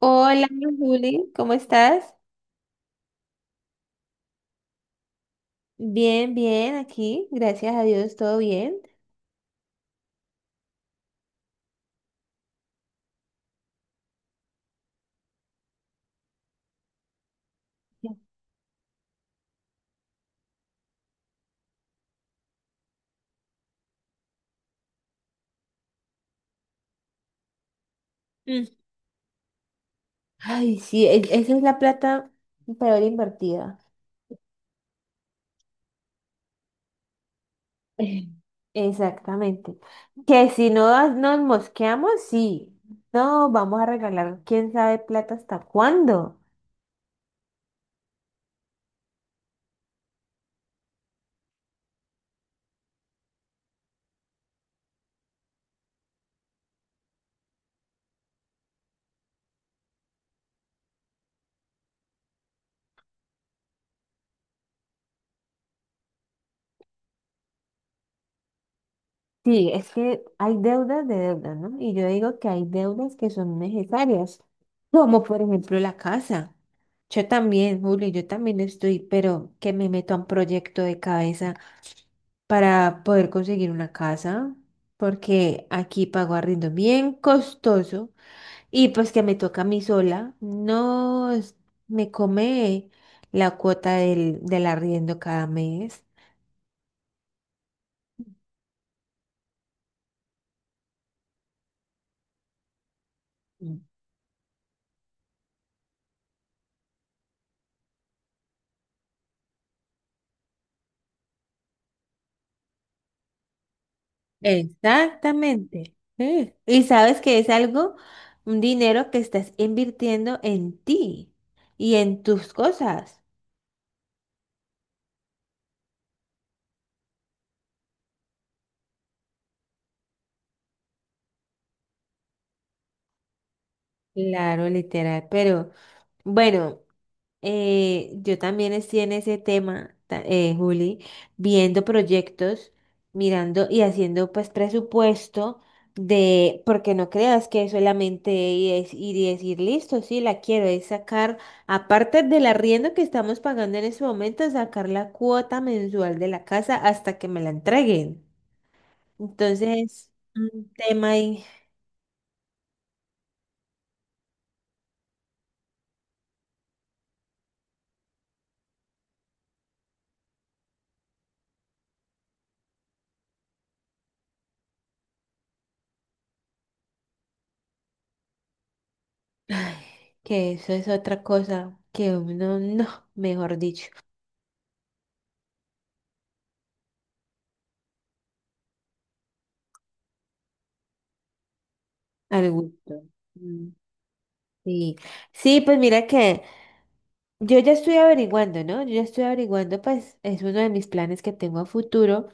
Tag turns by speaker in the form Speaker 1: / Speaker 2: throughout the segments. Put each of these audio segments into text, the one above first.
Speaker 1: Hola, Juli, ¿cómo estás? Bien, bien, aquí, gracias a Dios, todo bien. Mm. Ay, sí, esa es la plata peor invertida. Eh, Exactamente. Que si no nos mosqueamos, sí. No, vamos a regalar, quién sabe plata hasta cuándo. Sí, es que hay deudas de deudas, ¿no? Y yo digo que hay deudas que son necesarias, como por ejemplo la casa. Yo también, Julio, yo también estoy, pero que me meto a un proyecto de cabeza para poder conseguir una casa, porque aquí pago arriendo bien costoso y pues que me toca a mí sola, no es- me come la cuota del arriendo cada mes. Exactamente. Sí. Y sabes que es algo, un dinero que estás invirtiendo en ti y en tus cosas. Claro, literal. Pero bueno. Yo también estoy en ese tema, Juli, viendo proyectos, mirando y haciendo pues presupuesto de, porque no creas que solamente es ir y decir, listo, sí, la quiero, es sacar, aparte del arriendo que estamos pagando en este momento, sacar la cuota mensual de la casa hasta que me la entreguen. Entonces, un tema ahí, que eso es otra cosa que uno, no, mejor dicho, al gusto. Mm. Sí, sí, pues mira que yo ya estoy averiguando, ¿no? Yo ya estoy averiguando, pues es uno de mis planes que tengo a futuro.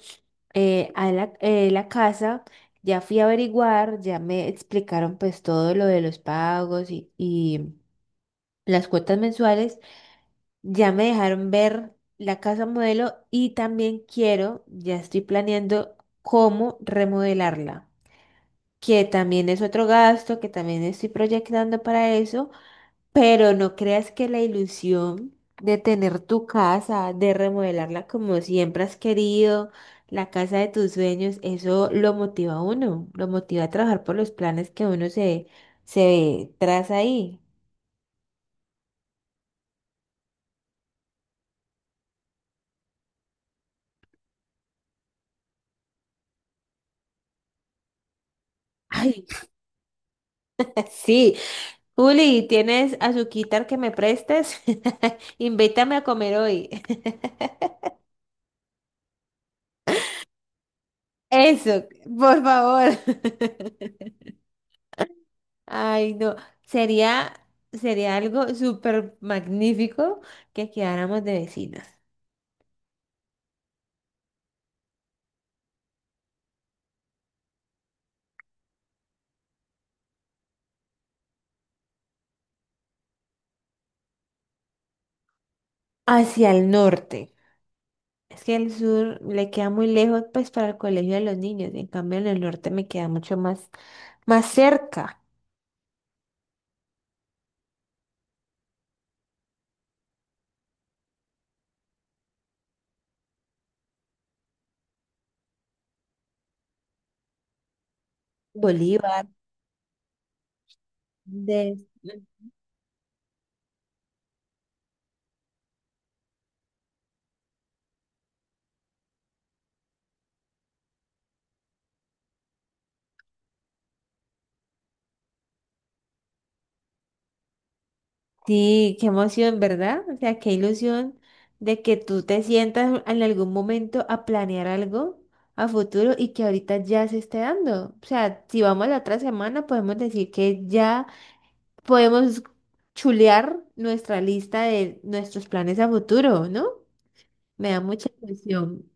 Speaker 1: La casa, ya fui a averiguar, ya me explicaron pues todo lo de los pagos y las cuotas mensuales, ya me dejaron ver la casa modelo y también quiero, ya estoy planeando cómo remodelarla, que también es otro gasto, que también estoy proyectando para eso. Pero no creas que la ilusión de tener tu casa, de remodelarla como siempre has querido, la casa de tus sueños, eso lo motiva a uno, lo motiva a trabajar por los planes que se traza ahí. Ay, sí. Juli, ¿tienes azuquitar que me prestes? Invítame a comer hoy. Eso, por favor. Ay, no, sería, sería algo súper magnífico que quedáramos de vecinas. Hacia el norte. Es que el sur le queda muy lejos, pues, para el colegio de los niños. En cambio, en el norte me queda mucho más, más cerca. Bolívar, de... Sí, qué emoción, ¿verdad? O sea, qué ilusión de que tú te sientas en algún momento a planear algo a futuro y que ahorita ya se esté dando. O sea, si vamos la otra semana, podemos decir que ya podemos chulear nuestra lista de nuestros planes a futuro, ¿no? Me da mucha ilusión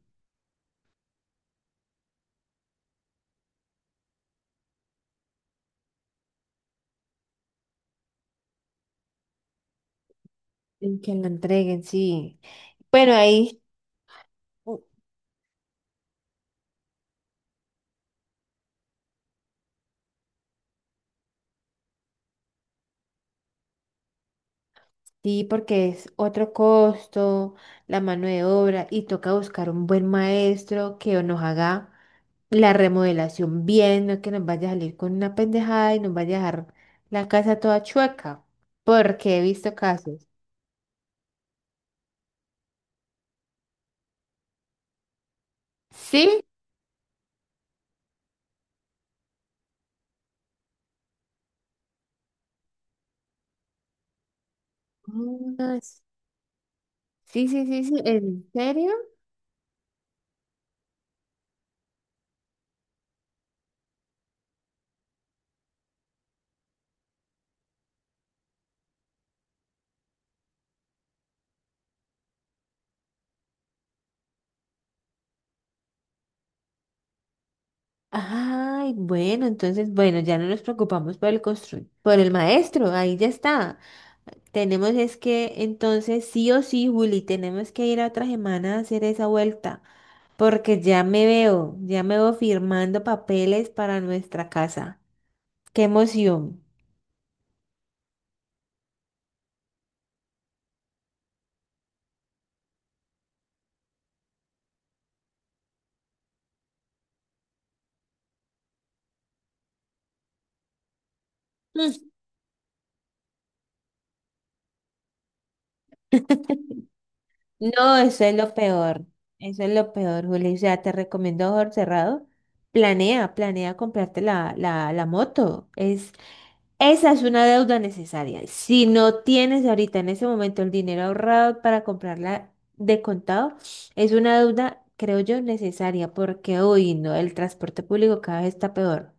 Speaker 1: en que la entreguen, sí. Bueno, ahí sí, porque es otro costo, la mano de obra, y toca buscar un buen maestro que nos haga la remodelación bien, no que nos vaya a salir con una pendejada y nos vaya a dejar la casa toda chueca, porque he visto casos. ¿Sí? Ah, sí, sí, sí, sí, ¿en serio? Ay, bueno, entonces, bueno, ya no nos preocupamos por el por el maestro, ahí ya está. Tenemos es que, entonces, sí o sí, Juli, tenemos que ir a otra semana a hacer esa vuelta, porque ya me veo firmando papeles para nuestra casa. ¡Qué emoción! Mm, no, eso es lo peor, eso es lo peor, Juli. O sea, te recomiendo a ojos cerrados, planea, planea comprarte la moto. Es Esa es una deuda necesaria. Si no tienes ahorita en ese momento el dinero ahorrado para comprarla de contado, es una deuda, creo yo, necesaria porque hoy no, el transporte público cada vez está peor.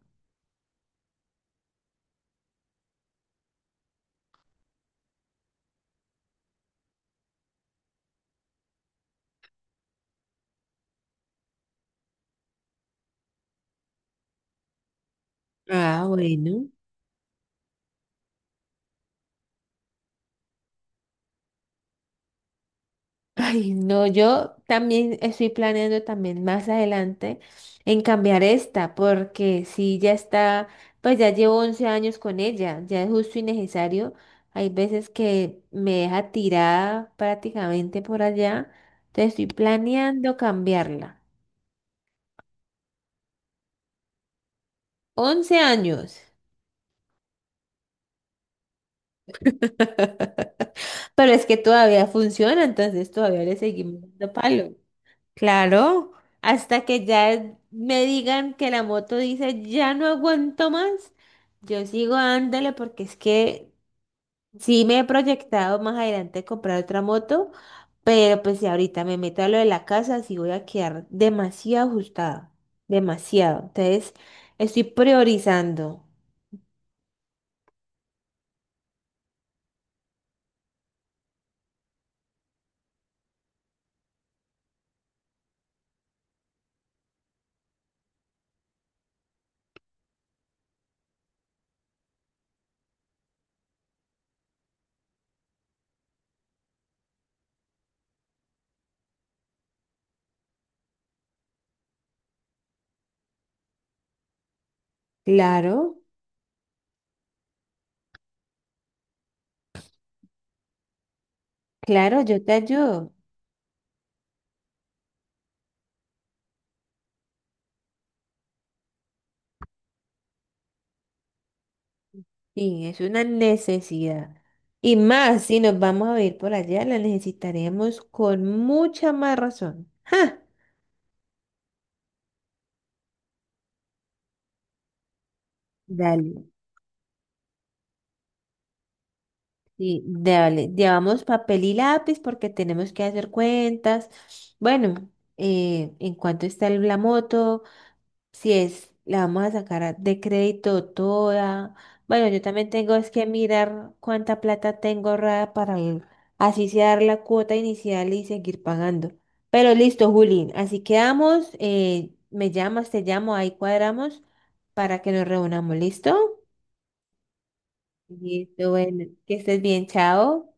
Speaker 1: Ah, bueno. Ay, no, yo también estoy planeando también más adelante en cambiar esta, porque si ya está, pues ya llevo 11 años con ella, ya es justo y necesario. Hay veces que me deja tirada prácticamente por allá, entonces estoy planeando cambiarla. 11 años, pero es que todavía funciona, entonces todavía le seguimos dando palo. Claro, hasta que ya me digan que la moto dice ya no aguanto más, yo sigo ándale porque es que sí me he proyectado más adelante comprar otra moto, pero pues si ahorita me meto a lo de la casa, sí voy a quedar demasiado ajustada, demasiado. Entonces, estoy priorizando. Claro, claro, yo te ayudo. Sí, es una necesidad. Y más, si nos vamos a ir por allá, la necesitaremos con mucha más razón. ¡Ja! Dale. Sí, dale, llevamos papel y lápiz porque tenemos que hacer cuentas. Bueno, ¿en cuánto está la moto? Si es, la vamos a sacar de crédito toda. Bueno, yo también tengo es que mirar cuánta plata tengo ahorrada para así sea dar la cuota inicial y seguir pagando. Pero listo, Juli, así quedamos. Me llamas, te llamo, ahí cuadramos para que nos reunamos. ¿Listo? Listo, bueno, que estés bien, chao.